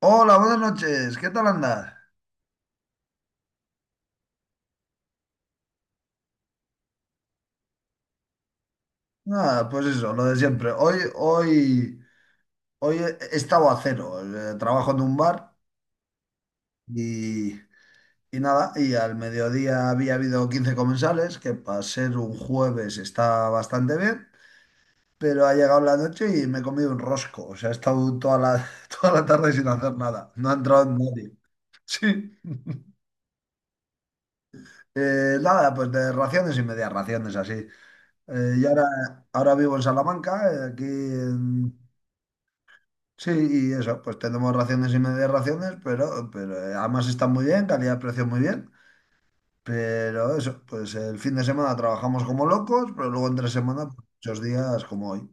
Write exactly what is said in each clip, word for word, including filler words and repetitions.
Hola, buenas noches. ¿Qué tal andas? Nada, pues eso, lo de siempre. Hoy, hoy, hoy he he estado a cero. Eh, Trabajo en un bar y, y nada, y al mediodía había habido quince comensales, que para ser un jueves está bastante bien, pero ha llegado la noche y me he comido un rosco. O sea, he estado toda la, toda la tarde sin hacer nada. No ha entrado nadie. Sí. Eh, nada, pues de raciones y medias raciones así. Eh, y ahora, ahora vivo en Salamanca, eh, aquí. Sí, y eso, pues tenemos raciones y medias raciones, pero, pero eh, además están muy bien, calidad-precio muy bien. Pero eso, pues el fin de semana trabajamos como locos, pero luego entre semana, pues, muchos días como hoy.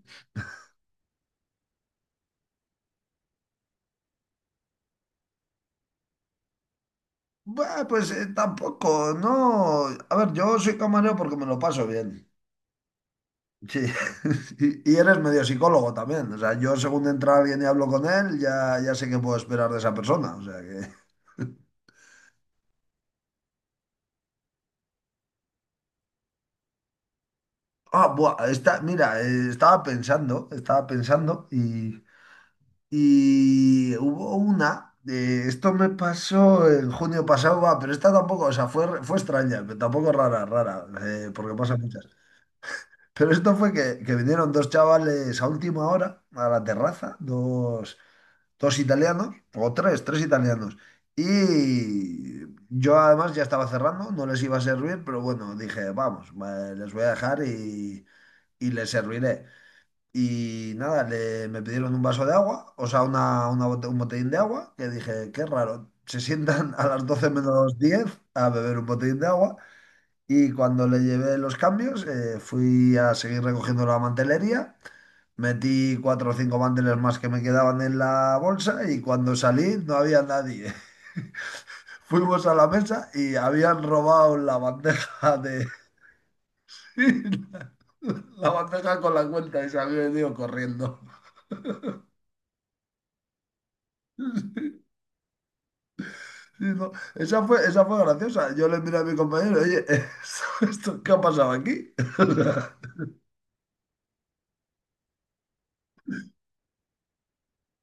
Bah, pues eh, tampoco, no. A ver, yo soy camarero porque me lo paso bien. Sí. Y, y eres medio psicólogo también. O sea, yo según entra alguien y hablo con él, ya, ya sé qué puedo esperar de esa persona. O sea que. Ah, buah, está, mira, eh, estaba pensando, estaba pensando y. Y hubo una, eh, esto me pasó en junio pasado, va, pero esta tampoco, o sea, fue, fue extraña, pero tampoco rara, rara, eh, porque pasa muchas. Pero esto fue que, que vinieron dos chavales a última hora a la terraza, dos, dos italianos, o tres, tres italianos. Y yo además ya estaba cerrando, no les iba a servir, pero bueno, dije, vamos, va, les voy a dejar y, y les serviré. Y nada, le, me pidieron un vaso de agua, o sea, una, una bote- un botellín de agua, que dije, qué raro, se sientan a las doce menos diez a beber un botellín de agua. Y cuando le llevé los cambios, eh, fui a seguir recogiendo la mantelería, metí cuatro o cinco manteles más que me quedaban en la bolsa y cuando salí no había nadie. Fuimos a la mesa y habían robado la bandeja de... la bandeja con la cuenta y se había ido corriendo. Sí, no, Esa fue, esa fue graciosa. Yo le miré a mi compañero, oye, ¿esto, esto qué ha pasado aquí? O sea,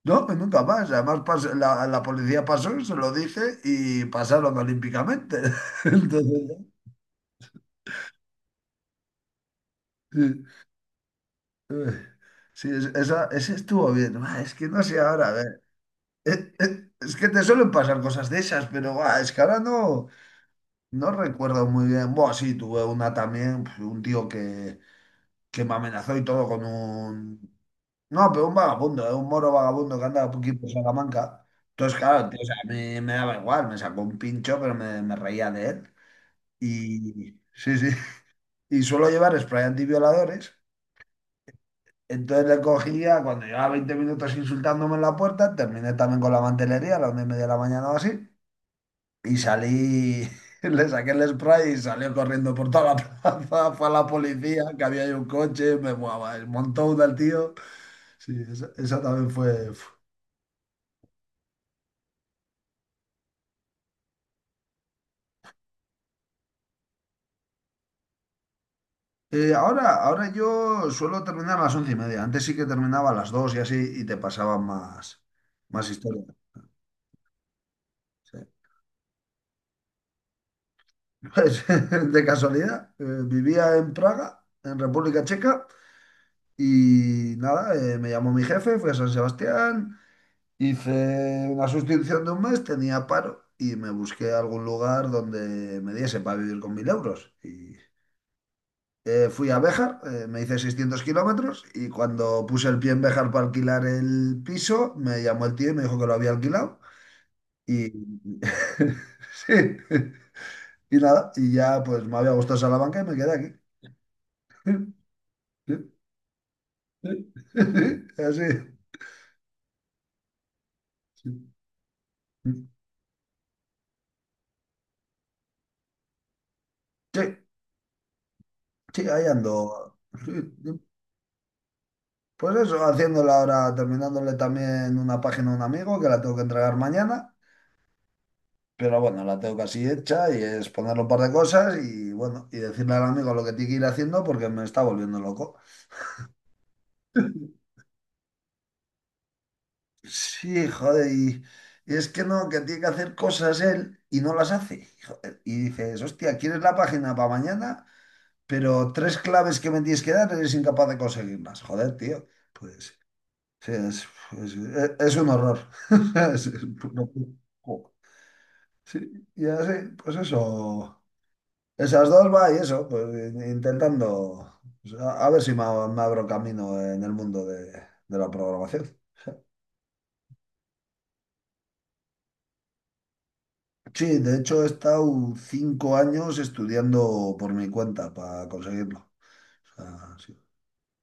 no, y nunca más. Además, pas- la, la policía pasó, se lo dije y pasaron olímpicamente. Entonces, ¿no? Sí, ay, sí, es- esa, ese estuvo bien. Buah, es que no sé ahora, a ver. eh, eh, Es que te suelen pasar cosas de esas, pero buah, es que ahora no, no recuerdo muy bien. Bueno, sí, tuve una también, pues, un tío que que me amenazó y todo con un... No, pero un vagabundo, eh, un moro vagabundo que andaba por aquí por Salamanca. Entonces, claro, tío, o sea, a mí me daba igual, me sacó un pincho, pero me, me reía de él. Y sí, sí. Y suelo llevar spray antivioladores. Entonces le cogía, cuando llevaba veinte minutos insultándome en la puerta, terminé también con la mantelería a las nueve y media de la mañana o así. Y salí, le saqué el spray y salió corriendo por toda la plaza. Fue a la policía, que había ahí un coche, me buah, montó una al tío. Sí, esa, esa también fue. Uf. Eh, ahora, ahora yo suelo terminar a las once y media. Antes sí que terminaba a las dos y así y te pasaban más, más historia. Sí. Pues, de casualidad, eh, vivía en Praga, en República Checa, y nada, eh, me llamó mi jefe, fui a San Sebastián, hice una sustitución de un mes, tenía paro y me busqué algún lugar donde me diese para vivir con mil euros. Y Eh, fui a Béjar, eh, me hice seiscientos kilómetros y cuando puse el pie en Béjar para alquilar el piso, me llamó el tío y me dijo que lo había alquilado. Y sí, y nada, y ya pues me había gustado Salamanca y me quedé aquí. Así. Sí, sí, ahí ando. Sí, sí. Pues eso, haciéndole ahora, terminándole también una página a un amigo que la tengo que entregar mañana. Pero bueno, la tengo casi hecha y es ponerle un par de cosas y bueno, y decirle al amigo lo que tiene que ir haciendo porque me está volviendo loco. Sí, joder, y, y es que no, que tiene que hacer cosas él y no las hace. Joder, y dices, hostia, ¿quieres la página para mañana? Pero tres claves que me tienes que dar eres incapaz de conseguirlas. Joder, tío. Pues sí, es, es- es- es un horror. Es- es puro- Sí, y así, pues eso. Esas dos va y eso, pues in- intentando pues, a, a ver si me, ab- me abro camino en el mundo de, de la programación. Sí, de hecho he estado cinco años estudiando por mi cuenta para conseguirlo. O sea, sí.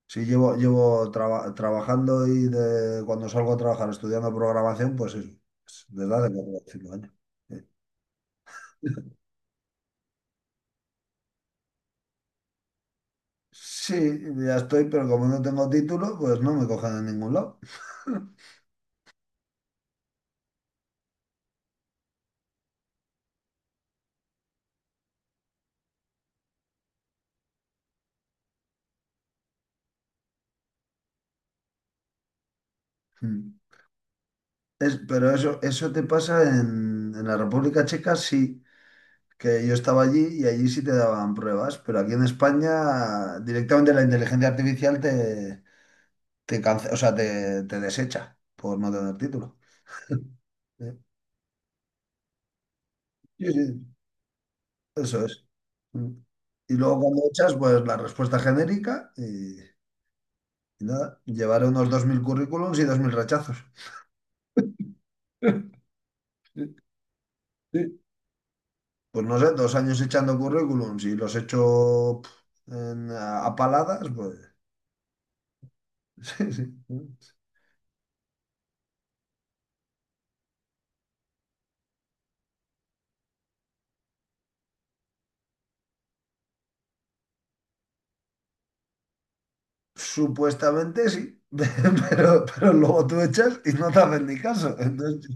Sí, llevo, llevo traba- trabajando y de, cuando salgo a trabajar estudiando programación, pues eso, es desde hace cuatro o cinco años. Sí, sí, ya estoy, pero como no tengo título, pues no me cogen en ningún lado. Es- pero eso, eso te pasa en, en la República Checa, sí, que yo estaba allí y allí sí te daban pruebas, pero aquí en España directamente la inteligencia artificial te, te cance- o sea, te, te desecha por no tener título. ¿Eh? Sí, sí, eso es. Mm. Y luego cuando echas, pues la respuesta genérica y, y nada, llevaré unos dos mil currículums y dos mil rechazos. Pues no sé, dos años echando currículums y los echo pf, en- a, a paladas, pues. Sí, sí. Supuestamente sí, pero, pero luego tú echas y no te hacen ni caso. Entonces,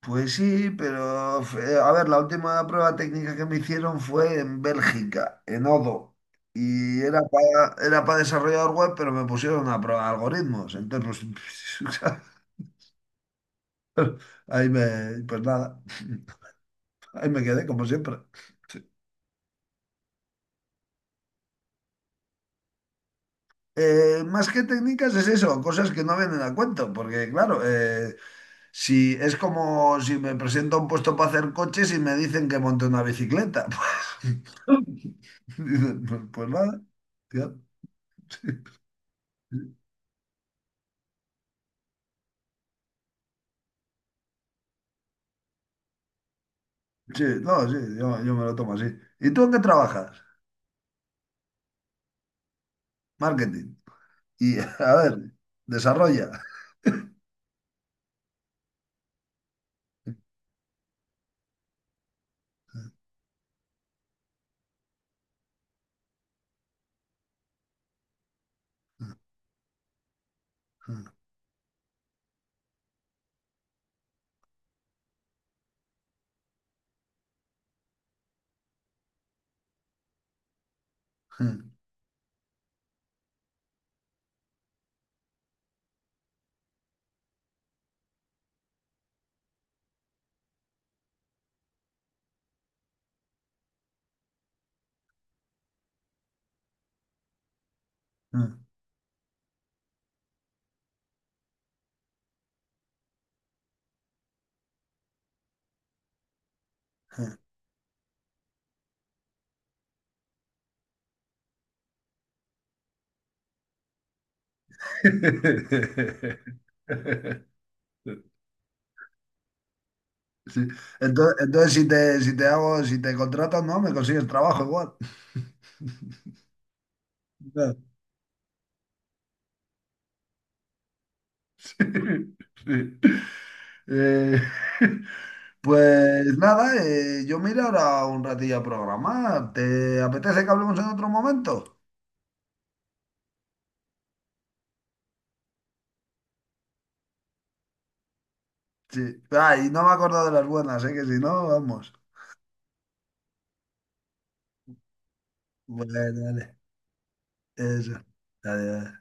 pues sí, pero fue- a ver, la última prueba técnica que me hicieron fue en Bélgica, en Odo. Y era para era para desarrollador web, pero me pusieron a prueba de algoritmos. Entonces, pues, ahí me, pues nada, ahí me quedé como siempre. Sí. Eh, más que técnicas es eso, cosas que no vienen a cuento, porque claro, eh, si es como si me presento a un puesto para hacer coches y me dicen que monte una bicicleta, pues, dicen, pues, pues nada, tío. Sí, sí, no, sí, yo, yo me lo tomo así. ¿Y tú en qué trabajas? Marketing. Y a ver, desarrolla. Sí. Entonces, entonces si te, si te hago, si te contratan, no, me consigues trabajo igual. Ya. Sí, sí. Eh, pues nada, eh, yo me iré ahora un ratillo a programar. ¿Te apetece que hablemos en otro momento? Sí. Ay, no me he acordado de las buenas, ¿eh? Que si no, vamos. Bueno, dale. Eso. Adiós.